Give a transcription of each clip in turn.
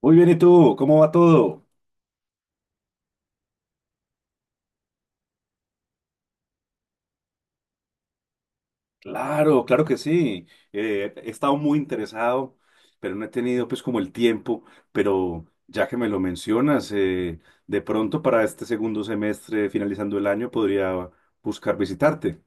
Muy bien, ¿y tú? ¿Cómo va todo? Claro, claro que sí. He estado muy interesado, pero no he tenido pues como el tiempo, pero ya que me lo mencionas, de pronto para este segundo semestre, finalizando el año, podría buscar visitarte.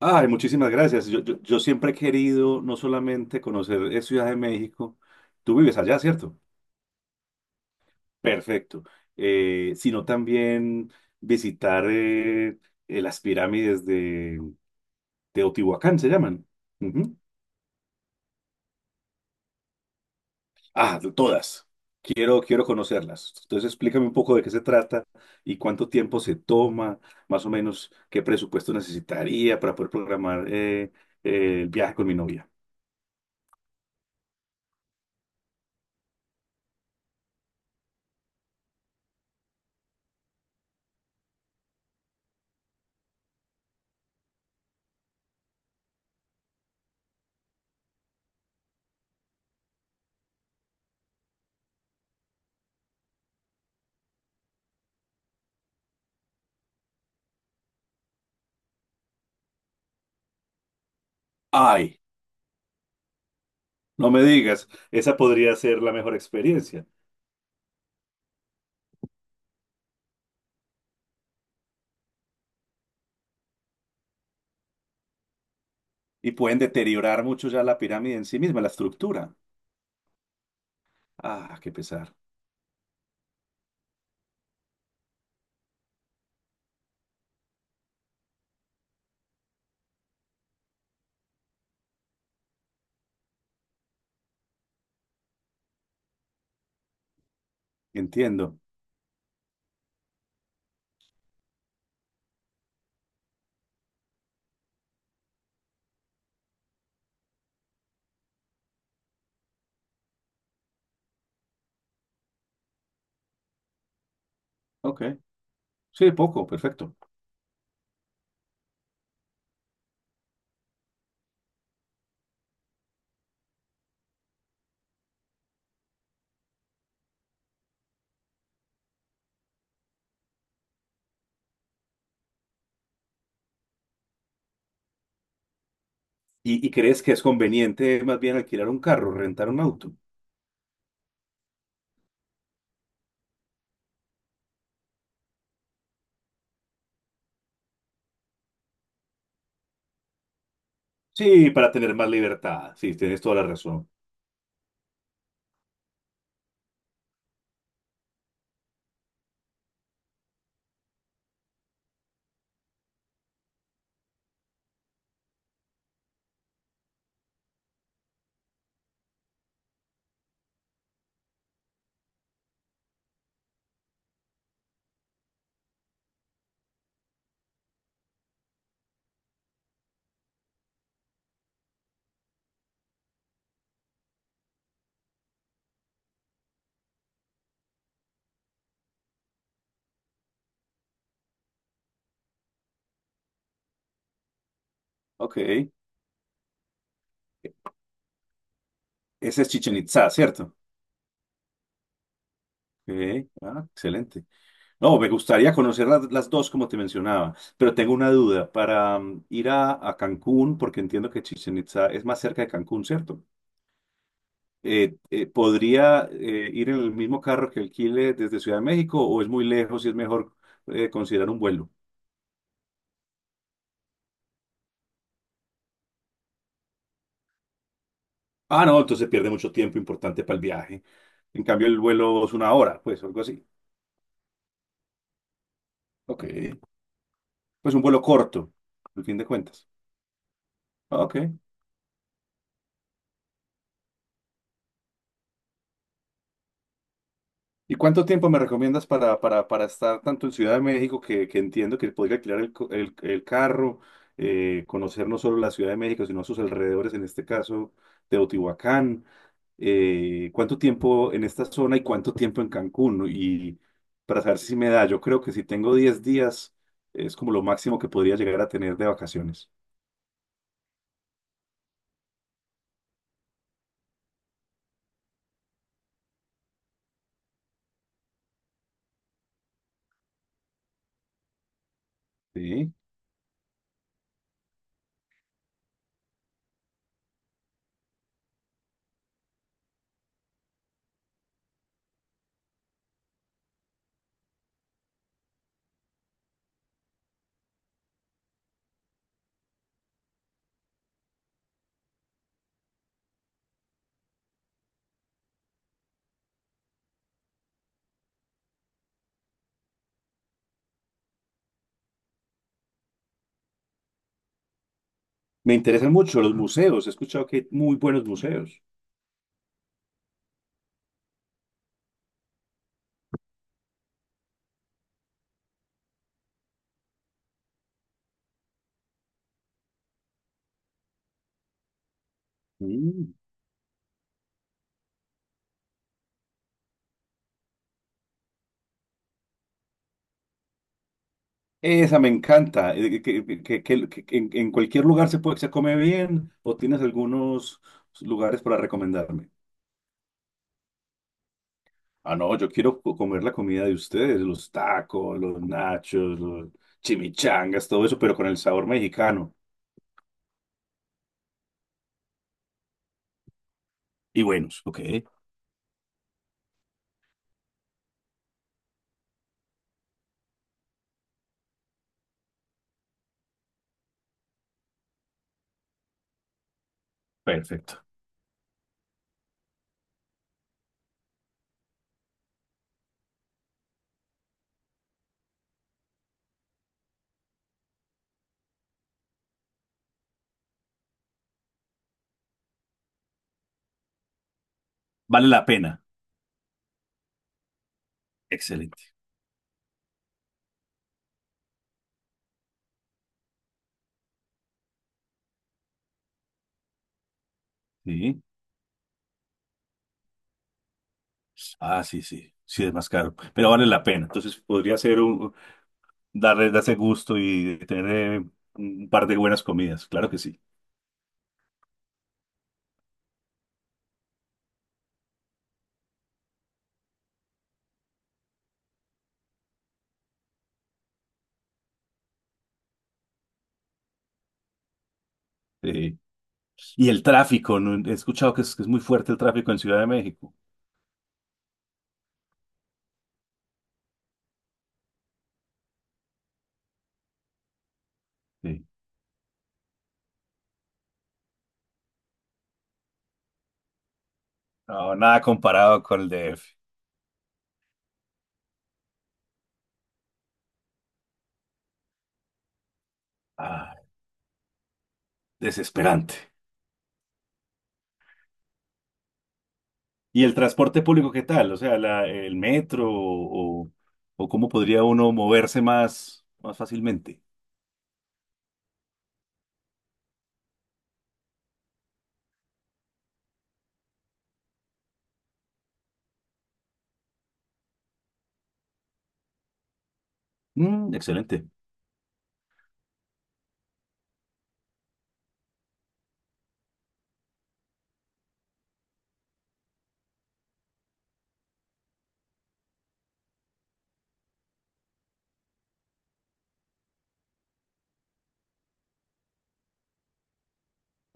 Ay, muchísimas gracias. Yo siempre he querido no solamente conocer Ciudad de México, tú vives allá, ¿cierto? Perfecto. Sino también visitar las pirámides de. Teotihuacán se llaman. Ujú. Ah, de todas. Quiero conocerlas. Entonces, explícame un poco de qué se trata y cuánto tiempo se toma, más o menos qué presupuesto necesitaría para poder programar el viaje con mi novia. Ay, no me digas, esa podría ser la mejor experiencia. Y pueden deteriorar mucho ya la pirámide en sí misma, la estructura. Ah, qué pesar. Entiendo. Ok. Sí, poco, perfecto. ¿Y crees que es conveniente más bien alquilar un carro, rentar un auto? Sí, para tener más libertad. Sí, tienes toda la razón. Ok. Ese es Chichen Itza, ¿cierto? Ok. Ah, excelente. No, me gustaría conocer las dos, como te mencionaba, pero tengo una duda. Para ir a Cancún, porque entiendo que Chichen Itza es más cerca de Cancún, ¿cierto? ¿Podría ir en el mismo carro que alquile desde Ciudad de México o es muy lejos y es mejor considerar un vuelo? Ah, no, entonces pierde mucho tiempo importante para el viaje. En cambio, el vuelo es una hora, pues, algo así. Ok. Pues un vuelo corto, al fin de cuentas. Ah, Ok. ¿Y cuánto tiempo me recomiendas para, para estar tanto en Ciudad de México, que entiendo que podría alquilar el carro, conocer no solo la Ciudad de México, sino sus alrededores, en este caso, Teotihuacán? ¿Cuánto tiempo en esta zona y cuánto tiempo en Cancún? ¿No? Y para saber si me da, yo creo que si tengo 10 días, es como lo máximo que podría llegar a tener de vacaciones. Sí. Me interesan mucho los museos, he escuchado que hay muy buenos museos. Mm. Esa me encanta, que en cualquier lugar se puede, se come bien o tienes algunos lugares para recomendarme. Ah, no, yo quiero comer la comida de ustedes, los tacos, los nachos, los chimichangas, todo eso, pero con el sabor mexicano. Y buenos, ok, perfecto. Vale la pena, excelente. Sí, ah, sí, sí, sí es más caro, pero vale la pena. Entonces podría ser darse gusto y tener un par de buenas comidas, claro que sí. Sí. Y el tráfico, ¿no? He escuchado que es muy fuerte el tráfico en Ciudad de México. Sí. No, nada comparado con el DF. Ah, desesperante. ¿Y el transporte público qué tal? O sea, el metro o cómo podría uno moverse más fácilmente. Excelente.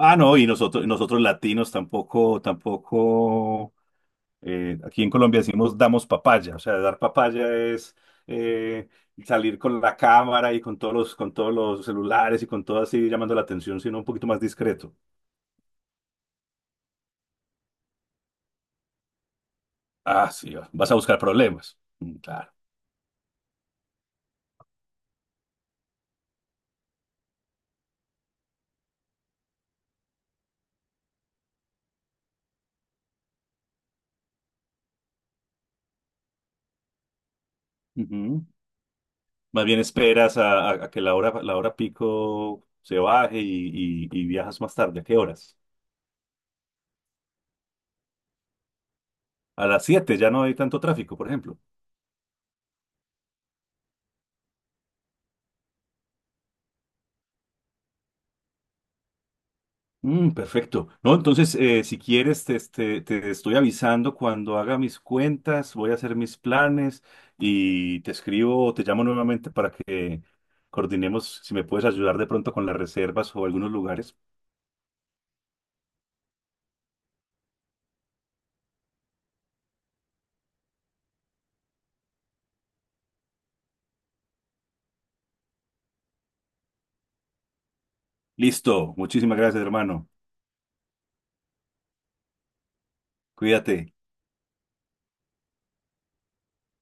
Ah, no, y nosotros latinos tampoco, tampoco. Aquí en Colombia decimos damos papaya, o sea, dar papaya es eh, salir con la cámara y con con todos los celulares y con todo así llamando la atención, sino un poquito más discreto. Ah, sí, vas a buscar problemas. Mm, claro. Ujú. Más bien esperas a que la hora pico se baje y viajas más tarde. ¿A qué horas? A las 7 ya no hay tanto tráfico, por ejemplo. Perfecto. No, entonces, si quieres, te estoy avisando cuando haga mis cuentas, voy a hacer mis planes y te escribo o te llamo nuevamente para que coordinemos si me puedes ayudar de pronto con las reservas o algunos lugares. Listo. Muchísimas gracias, hermano. Cuídate.